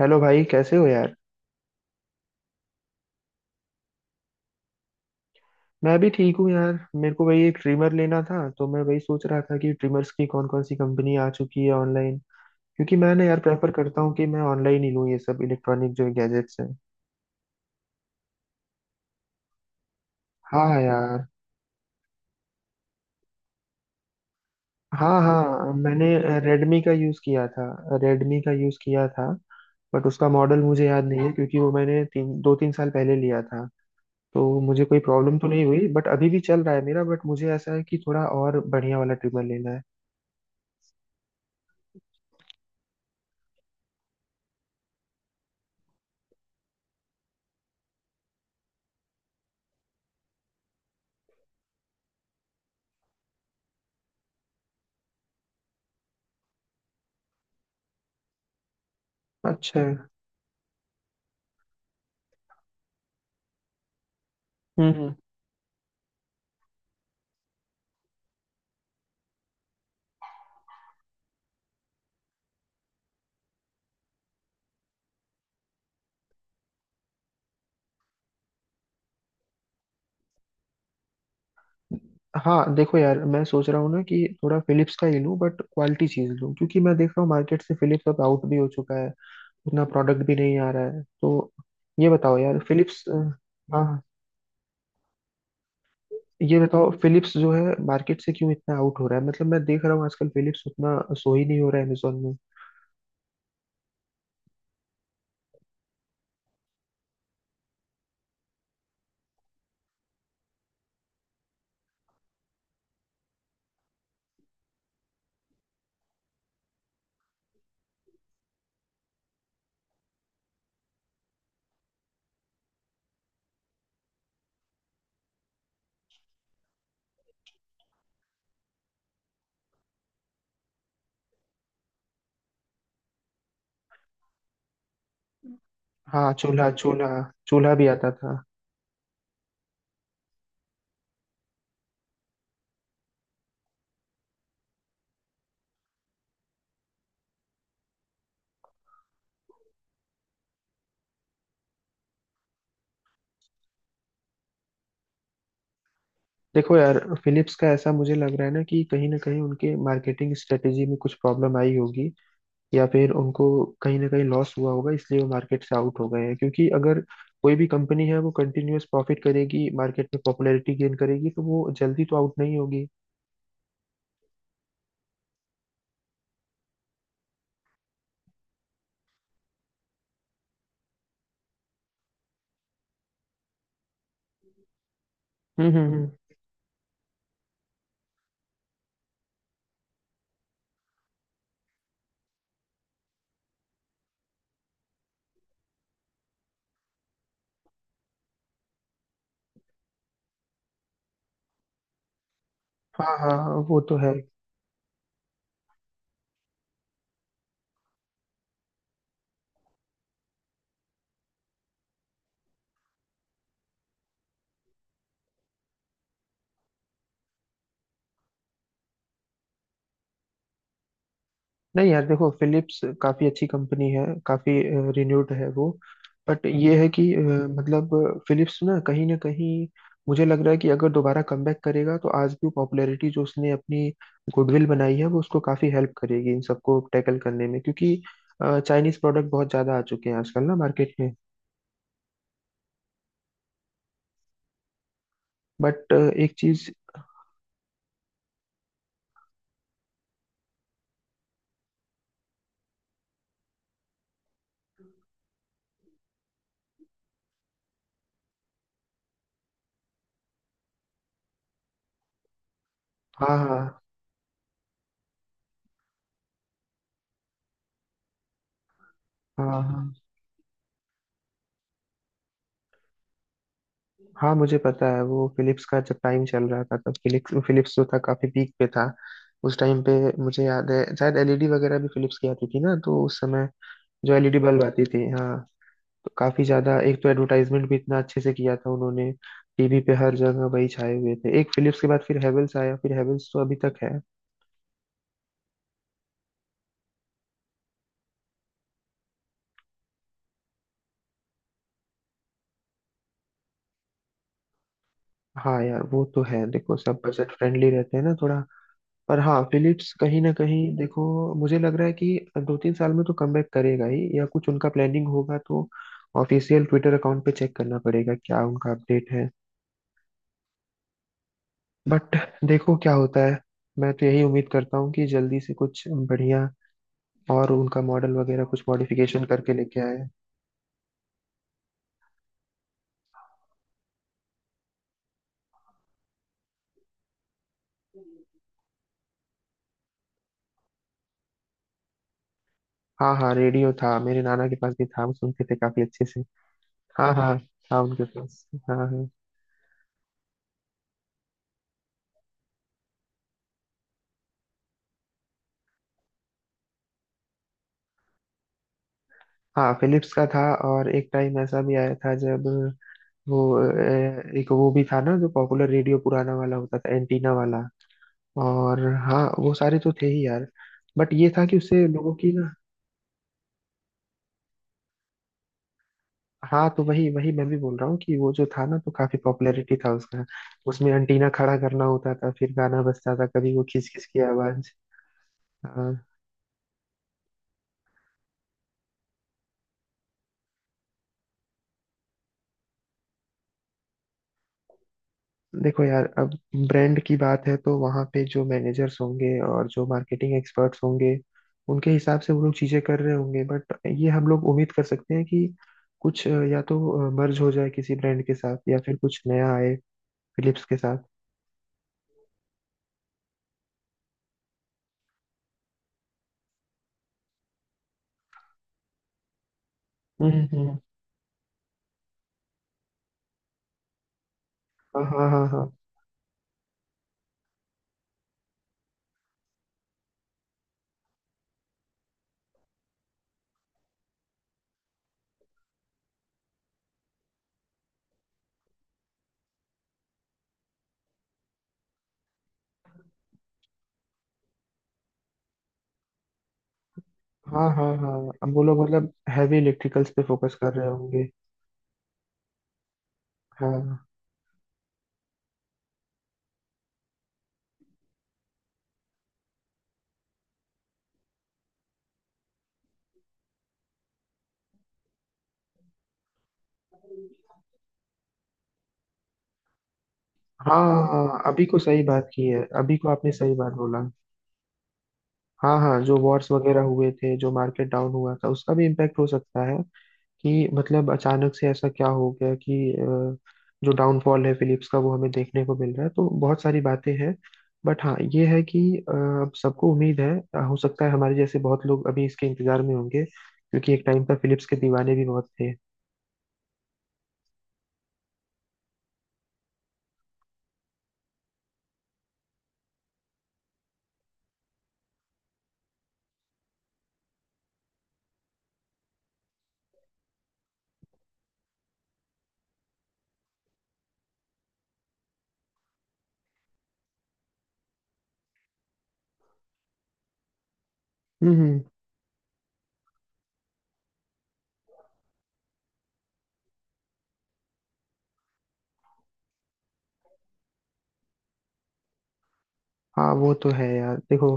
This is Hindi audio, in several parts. हेलो भाई, कैसे हो यार। मैं भी ठीक हूँ यार। मेरे को वही एक ट्रिमर लेना था, तो मैं वही सोच रहा था कि ट्रिमर्स की कौन कौन सी कंपनी आ चुकी है ऑनलाइन। क्योंकि मैं ना यार प्रेफर करता हूँ कि मैं ऑनलाइन ही लूँ ये सब इलेक्ट्रॉनिक जो गैजेट्स हैं। हाँ यार। हाँ हाँ, मैंने रेडमी का यूज़ किया था रेडमी का यूज़ किया था। बट उसका मॉडल मुझे याद नहीं है क्योंकि वो मैंने तीन दो तीन साल पहले लिया था। तो मुझे कोई प्रॉब्लम तो नहीं हुई, बट अभी भी चल रहा है मेरा। बट मुझे ऐसा है कि थोड़ा और बढ़िया वाला ट्रिमर लेना है। अच्छा। हम्म। हाँ देखो यार, मैं सोच रहा हूँ ना कि थोड़ा फिलिप्स का ही लूँ, बट क्वालिटी चीज़ लूँ, क्योंकि मैं देख रहा हूँ मार्केट से फिलिप्स अब आउट भी हो चुका है। उतना प्रोडक्ट भी नहीं आ रहा है। तो ये बताओ यार फिलिप्स। हाँ, ये बताओ फिलिप्स जो है मार्केट से क्यों इतना आउट हो रहा है, मतलब मैं देख रहा हूँ आजकल फिलिप्स उतना सो ही नहीं हो रहा है अमेजोन में। हाँ, चूल्हा चूल्हा। चूल्हा भी आता था। देखो यार, फिलिप्स का ऐसा मुझे लग रहा है ना कि कहीं ना कहीं उनके मार्केटिंग स्ट्रेटेजी में कुछ प्रॉब्लम आई होगी, या फिर उनको कहीं ना कहीं लॉस हुआ होगा, इसलिए वो मार्केट से आउट हो गए हैं। क्योंकि अगर कोई भी कंपनी है, वो कंटिन्यूअस प्रॉफिट करेगी, मार्केट में पॉपुलैरिटी गेन करेगी, तो वो जल्दी तो आउट नहीं होगी। हम्म हम्म हम्म। हाँ हाँ, वो तो है। नहीं यार, देखो फिलिप्स काफी अच्छी कंपनी है, काफी रिन्यूड है वो। बट ये है कि मतलब फिलिप्स ना कहीं मुझे लग रहा है कि अगर दोबारा कमबैक करेगा तो आज भी पॉपुलैरिटी जो उसने अपनी गुडविल बनाई है वो उसको काफी हेल्प करेगी इन सबको टैकल करने में। क्योंकि चाइनीज प्रोडक्ट बहुत ज्यादा आ चुके हैं आजकल ना मार्केट में। बट एक चीज। हाँ हाँ हाँ हाँ। हाँ, मुझे पता है, वो फिलिप्स का जब टाइम चल रहा था, तब फिलिप्स फिलिप्स जो था काफी पीक पे था उस टाइम पे। मुझे याद है शायद एलईडी वगैरह भी फिलिप्स की आती थी ना, तो उस समय जो एलईडी बल्ब आती थी, हाँ। तो काफी ज्यादा, एक तो एडवर्टाइजमेंट भी इतना अच्छे से किया था उन्होंने। टीवी पे हर जगह वही छाए हुए थे। एक फिलिप्स के बाद फिर हैवेल्स आया, फिर हैवेल्स तो अभी तक है। हाँ यार, वो तो है, देखो सब बजट फ्रेंडली रहते हैं ना थोड़ा। पर हाँ, फिलिप्स कहीं ना कहीं, देखो मुझे लग रहा है कि दो तीन साल में तो कमबैक करेगा ही, या कुछ उनका प्लानिंग होगा, तो ऑफिशियल ट्विटर अकाउंट पे चेक करना पड़ेगा क्या उनका अपडेट है। बट देखो क्या होता है। मैं तो यही उम्मीद करता हूँ कि जल्दी से कुछ बढ़िया, और उनका मॉडल वगैरह कुछ मॉडिफिकेशन करके लेके आए। हाँ हाँ, रेडियो था, मेरे नाना के पास भी था, हम सुनते थे काफी अच्छे से। हाँ हाँ, था उनके पास, हाँ हाँ। हाँ, फिलिप्स का था। और एक टाइम ऐसा भी आया था जब वो एक वो भी था ना, जो पॉपुलर रेडियो पुराना वाला होता था, एंटीना वाला। और हाँ, वो सारे तो थे ही यार। बट ये था कि उससे लोगों की ना। हाँ, तो वही वही मैं भी बोल रहा हूँ कि वो जो था ना, तो काफी पॉपुलैरिटी था उसका। उसमें एंटीना खड़ा करना होता था, फिर गाना बजता था, कभी वो खिस खिस की आवाज। देखो यार, अब ब्रांड की बात है तो वहाँ पे जो मैनेजर्स होंगे और जो मार्केटिंग एक्सपर्ट्स होंगे, उनके हिसाब से वो लोग चीजें कर रहे होंगे। बट ये हम लोग उम्मीद कर सकते हैं कि कुछ या तो मर्ज हो जाए किसी ब्रांड के साथ, या फिर कुछ नया आए फिलिप्स के साथ। हम्म हम्म। हाँ हाँ हाँ हाँ। हाँ हाँ हाँ, अब वो लोग मतलब हैवी इलेक्ट्रिकल्स पे फोकस कर रहे होंगे। हाँ हाँ हाँ हाँ। अभी को सही बात की है, अभी को आपने सही बात बोला। हाँ हाँ, जो वॉर्स वगैरह हुए थे, जो मार्केट डाउन हुआ था, उसका भी इम्पैक्ट हो सकता है। कि मतलब अचानक से ऐसा क्या हो गया कि जो डाउनफॉल है फिलिप्स का वो हमें देखने को मिल रहा है, तो बहुत सारी बातें हैं। बट हाँ, ये है कि अब सबको उम्मीद है। हो सकता है हमारे जैसे बहुत लोग अभी इसके इंतजार में होंगे, क्योंकि एक टाइम पर फिलिप्स के दीवाने भी बहुत थे। हम्म। हाँ वो तो है यार, देखो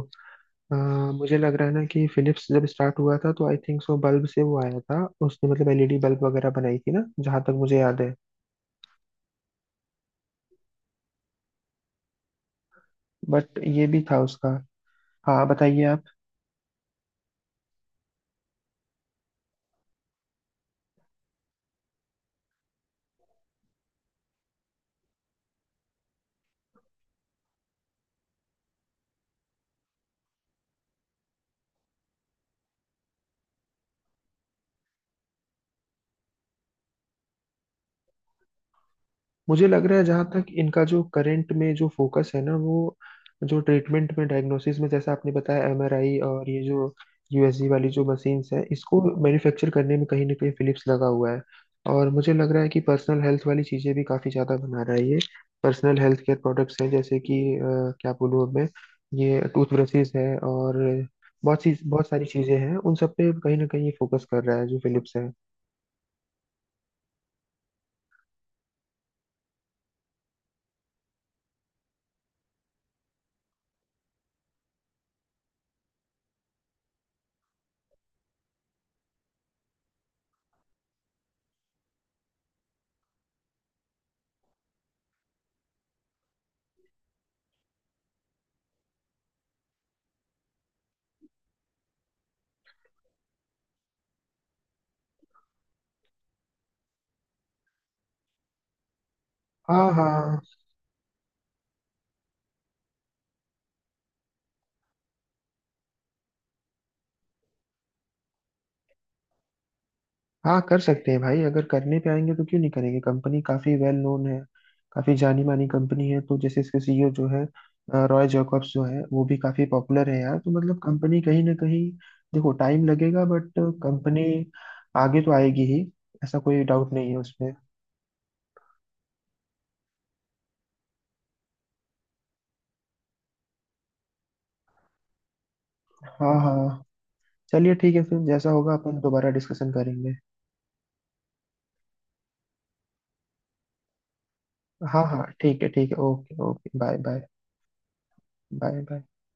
अ, मुझे लग रहा है ना कि फिलिप्स जब स्टार्ट हुआ था, तो आई थिंक सो बल्ब से वो आया था, उसने मतलब एलईडी बल्ब वगैरह बनाई थी ना, जहां तक मुझे याद है। बट ये भी था उसका। हाँ, बताइए आप। मुझे लग रहा है जहां तक इनका जो करंट में जो फोकस है ना वो, जो ट्रीटमेंट में डायग्नोसिस में, जैसा आपने बताया, एमआरआई और ये जो यूएसजी वाली जो मशीन्स है, इसको मैन्युफैक्चर करने में कहीं ना कहीं फिलिप्स लगा हुआ है। और मुझे लग रहा है कि पर्सनल हेल्थ वाली चीजें भी काफी ज्यादा बना रहा है ये। पर्सनल हेल्थ केयर प्रोडक्ट्स हैं, जैसे कि क्या बोलूँ मैं, ये टूथब्रशेस है, और बहुत सी बहुत सारी चीजें हैं, उन सब पे कहीं ना कहीं ये फोकस कर रहा है जो फिलिप्स है। हाँ हाँ हाँ, कर सकते हैं भाई, अगर करने पे आएंगे तो क्यों नहीं करेंगे। कंपनी काफी वेल नोन है, काफी जानी मानी कंपनी है। तो जैसे इसके सीईओ जो है, रॉय जैकब्स जो है वो भी काफी पॉपुलर है यार। तो मतलब कंपनी कहीं ना कहीं, देखो टाइम लगेगा, बट कंपनी आगे तो आएगी ही। ऐसा कोई डाउट नहीं है उसमें। हाँ हाँ हाँ। चलिए ठीक है, फिर जैसा होगा अपन दोबारा डिस्कशन करेंगे। हाँ हाँ, ठीक है ठीक है, okay okay, bye bye. Bye bye.